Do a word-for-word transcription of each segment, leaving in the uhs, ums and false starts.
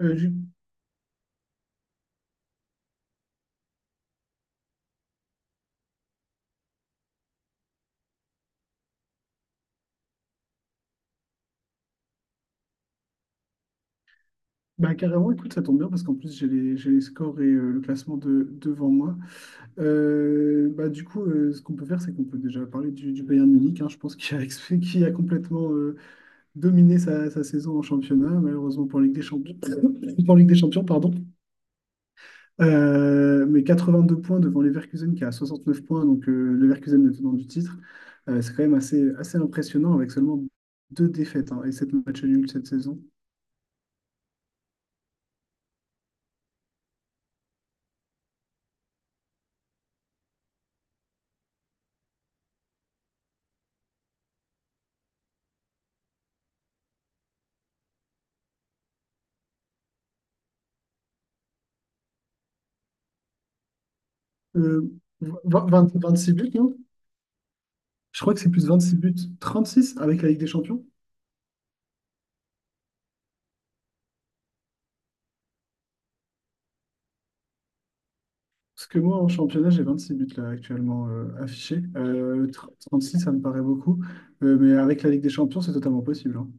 Euh, j'ai- Bah, carrément, écoute, ça tombe bien parce qu'en plus j'ai les, j'ai les scores et euh, le classement, de, devant moi. Euh, bah, du coup, euh, ce qu'on peut faire, c'est qu'on peut déjà parler du, du Bayern Munich, hein. Je pense qu'il a, exp- qu'il a complètement euh, dominé sa, sa saison en championnat, malheureusement pour Ligue des Champions, pour Ligue des Champions, pardon. Euh, mais quatre-vingt-deux points devant Leverkusen qui a soixante-neuf points, donc euh, Leverkusen, le tenant du titre. Euh, c'est quand même assez, assez impressionnant avec seulement deux défaites, hein, et sept matchs nuls cette saison. Euh, vingt- vingt- vingt-six buts, non? Je crois que c'est plus vingt-six buts, trente-six avec la Ligue des Champions. Parce que moi, en championnat, j'ai vingt-six buts là actuellement euh, affichés. Euh, tr- trente-six, ça me paraît beaucoup. Euh, mais avec la Ligue des Champions, c'est totalement possible, hein.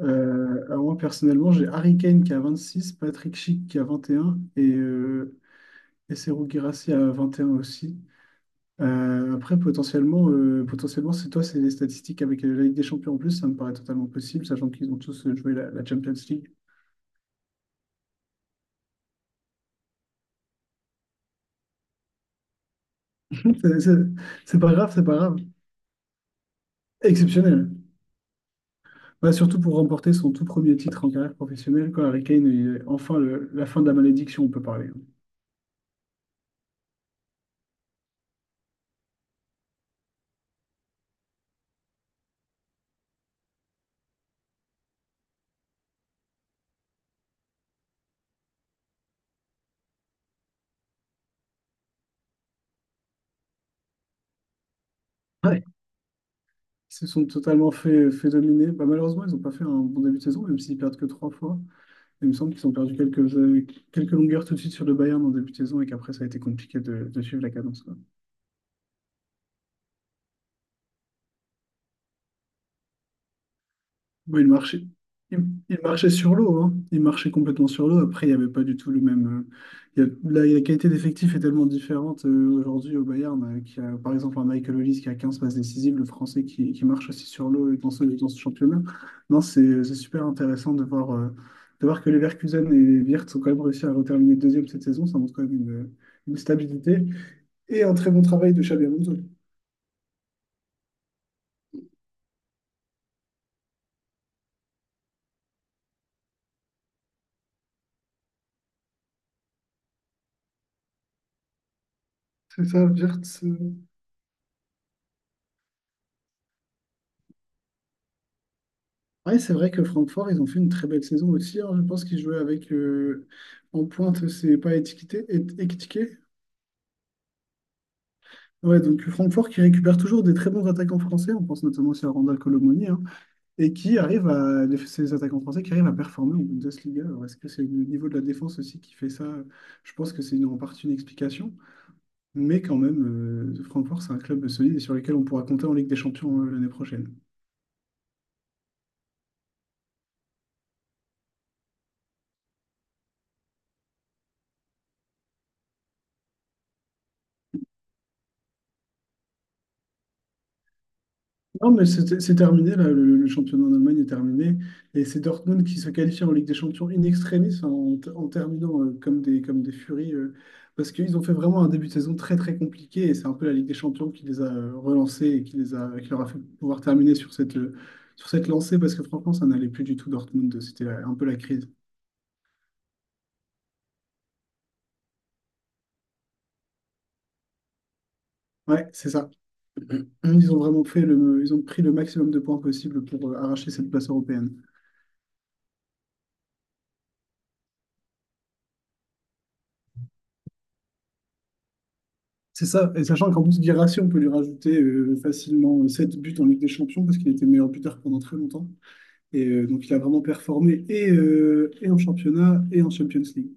Euh, alors moi, personnellement, j'ai Harry Kane qui a vingt-six, Patrick Schick qui a vingt et, un et, euh, et Serhou Guirassy à vingt et un aussi. Euh, après, potentiellement, euh, potentiellement c'est toi, c'est les statistiques avec euh, la Ligue des Champions en plus, ça me paraît totalement possible, sachant qu'ils ont tous euh, joué la, la Champions League. C'est c'est- c'est pas grave, c'est pas grave. Exceptionnel. Bah, surtout pour remporter son tout premier titre en carrière professionnelle, quoi. Harry Kane, il est enfin le- la fin de la malédiction, on peut parler. Ils se sont totalement fait, fait dominer. Bah, malheureusement, ils n'ont pas fait un bon début de saison, même s'ils perdent que trois fois. Il me semble qu'ils ont perdu quelques, euh, quelques longueurs tout de suite sur le Bayern en début de saison et qu'après, ça a été compliqué de, de suivre la cadence. Oui, il marchait, il, il marchait sur l'eau, hein. Il marchait complètement sur l'eau. Après, il n'y avait pas du tout le même. Euh, il y a- la, la qualité d'effectif est tellement différente euh, aujourd'hui au Bayern, euh, qui a par exemple un Michael Olise qui a quinze passes décisives, le français qui, qui marche aussi sur l'eau euh, dans ce, dans ce championnat. Non, c'est c'est super intéressant de voir, euh, de voir que les Leverkusen et Wirtz ont quand même réussi à reterminer deuxième cette saison. Ça montre quand même une, une stabilité et un très bon travail de Xabi Alonso. C'est ça, Wirtz. Ouais, c'est vrai que Francfort, ils ont fait une très belle saison aussi, hein. Je pense qu'ils jouaient avec euh, en pointe, c'est pas étiqueté, étiqueté. Ouais, donc Francfort qui récupère toujours des très bons attaquants français, on pense notamment aussi à Randal Colomoni, hein, et qui arrive à les- ces attaquants français qui arrivent à performer en Bundesliga. Alors est-ce que c'est le niveau de la défense aussi qui fait ça? Je pense que c'est une- en partie une explication, mais quand même, euh, Francfort, c'est un club solide et sur lequel on pourra compter en Ligue des Champions euh, l'année prochaine. Non, mais c'est c'est terminé, là, le, le championnat en Allemagne est terminé. Et c'est Dortmund qui se qualifie en Ligue des Champions in extremis en, t- en terminant euh, comme des, comme des furies. Euh, parce qu'ils ont fait vraiment un début de saison très très compliqué. Et c'est un peu la Ligue des Champions qui les a euh, relancés et qui, les a, qui leur a fait pouvoir terminer sur cette, euh, sur cette lancée. Parce que franchement, ça n'allait plus du tout Dortmund. C'était la- un peu la crise. Ouais, c'est ça. Ils ont vraiment fait le, ils ont pris le maximum de points possible pour euh, arracher cette place européenne. C'est ça, et sachant qu'en plus Guirassy, on peut lui rajouter euh, facilement euh, sept buts en Ligue des Champions parce qu'il était meilleur buteur pendant très longtemps. Et euh, donc il a vraiment performé et, euh, et en championnat et en Champions League.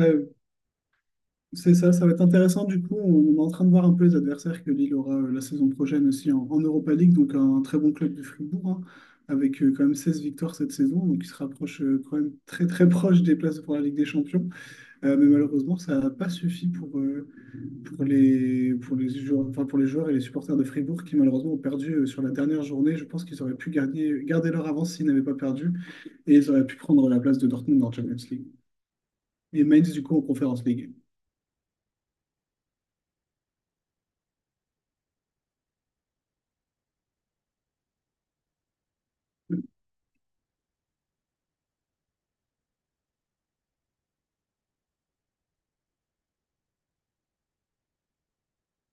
Euh, c'est ça, ça va être intéressant du coup. On est en train de voir un peu les adversaires que Lille aura euh, la saison prochaine aussi en, en Europa League, donc un très bon club de Fribourg, hein, avec euh, quand même seize victoires cette saison, donc il se rapproche euh, quand même très très proche des places pour la Ligue des Champions. Euh, mais malheureusement, ça n'a pas suffi pour, euh, pour les, pour les joueurs, enfin, pour les joueurs et les supporters de Fribourg qui malheureusement ont perdu euh, sur la dernière journée. Je pense qu'ils auraient pu garder, garder leur avance s'ils n'avaient pas perdu et ils auraient pu prendre la place de Dortmund en Champions League. Et Mainz, du coup, en Conference League.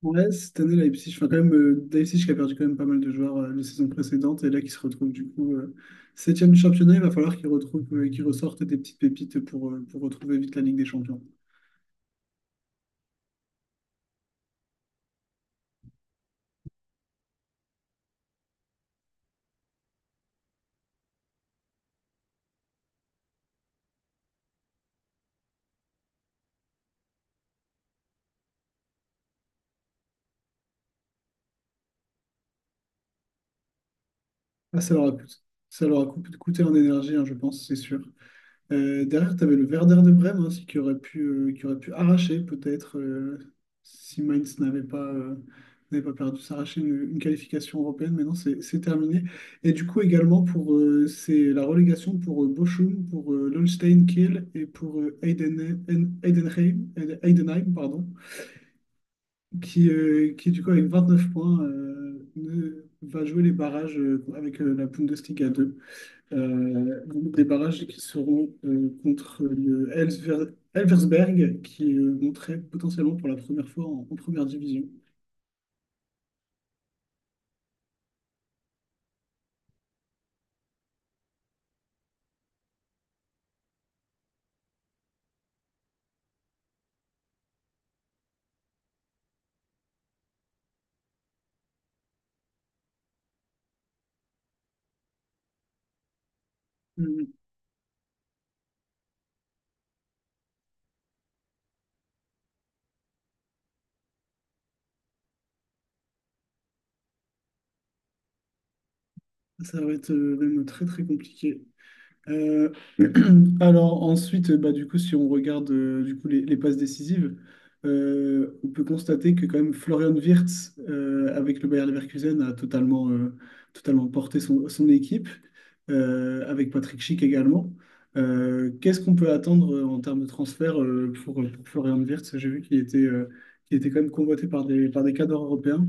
Ouais, cette année, Leipzig, enfin, quand même, euh, Leipzig qui a perdu quand même pas mal de joueurs euh, les saisons précédentes et là qui se retrouve du coup euh, septième du championnat, il va falloir qu'ils retrouvent, euh, qu'ils ressortent des petites pépites pour, euh, pour retrouver vite la Ligue des Champions. Ah, ça leur a coûté, ça leur a coûté coûté en énergie, hein, je pense, c'est sûr. Euh, derrière, tu avais le Werder de Brême aussi qui aurait pu, euh, qui aurait pu arracher peut-être euh, si Mainz n'avait pas, euh, n'avait pas perdu, s'arracher une, une qualification européenne. Mais maintenant, c'est c'est terminé. Et du coup, également, pour euh, c'est la relégation pour euh, Bochum, pour euh, Holstein Kiel et pour euh, Heiden- Heiden- Heidenheim, Heidenheim, pardon, qui, euh, qui, du coup, avec vingt-neuf points, euh, ne- va jouer les barrages euh, avec euh, la Bundesliga deux. Euh, donc des barrages qui seront euh, contre le Elfver- Elversberg, qui euh, monterait potentiellement pour la première fois en, en première division. Euh, Ça va être euh, même très très compliqué. Euh, alors ensuite, bah, du coup, si on regarde euh, du coup, les, les passes décisives, euh, on peut constater que quand même Florian Wirtz, euh, avec le Bayer Leverkusen, a totalement, euh, totalement porté son, son équipe, euh, avec Patrick Schick également. Euh, qu'est-ce qu'on peut attendre euh, en termes de transfert euh, pour, pour Florian Wirtz? J'ai vu qu'il était, euh, qu'il était quand même convoité par des, par des cadres européens.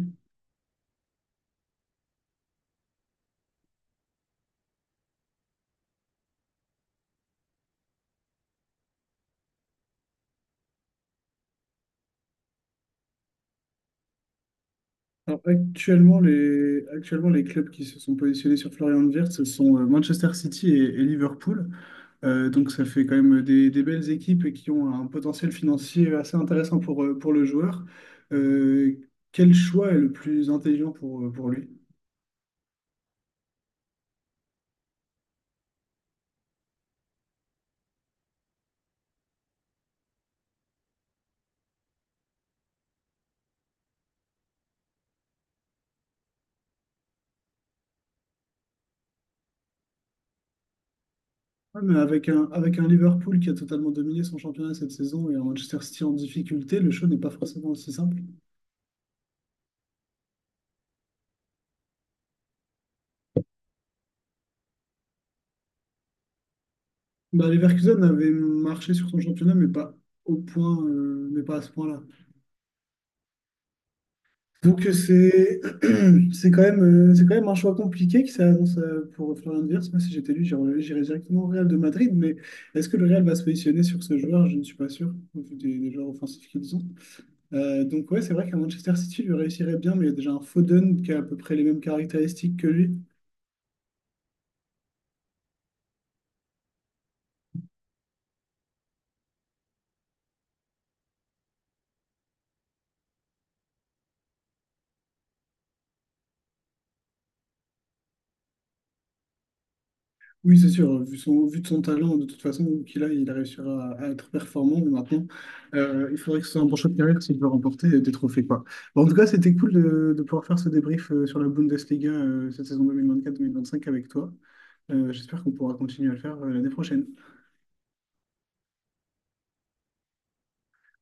Alors, actuellement, les, actuellement, les clubs qui se sont positionnés sur Florian Wirtz, ce sont euh, Manchester City et, et Liverpool. Euh, donc, ça fait quand même des, des belles équipes et qui ont un potentiel financier assez intéressant pour, euh, pour le joueur. Euh, Quel choix est le plus intelligent pour, euh, pour lui? Ouais, mais avec un, avec un Liverpool qui a totalement dominé son championnat cette saison et un Manchester City en difficulté, le choix n'est pas forcément aussi simple. Bah, Leverkusen avait marché sur son championnat, mais pas au point, euh, mais pas à ce point-là. Donc euh, c'est c'est quand même euh, c'est quand même un choix compliqué qui s'annonce euh, pour Florian Wirtz. Moi, si j'étais lui, j'irais j'irais directement au Real de Madrid. Mais est-ce que le Real va se positionner sur ce joueur? Je ne suis pas sûr, au vu des, des joueurs offensifs qu'ils ont. Euh, donc ouais, c'est vrai qu'à Manchester City, lui réussirait bien, mais il y a déjà un Foden qui a à peu près les mêmes caractéristiques que lui. Oui, c'est sûr, vu son, vu de son talent, de toute façon, qu'il a, il réussira à, à être performant. Mais maintenant, euh, il faudrait que ce soit un bon choix de carrière s'il veut remporter des trophées, quoi. Bon, en tout cas, c'était cool de, de pouvoir faire ce débrief euh, sur la Bundesliga euh, cette saison deux mille vingt-quatre-deux mille vingt-cinq avec toi. Euh, j'espère qu'on pourra continuer à le faire euh, l'année prochaine.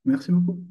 Merci beaucoup.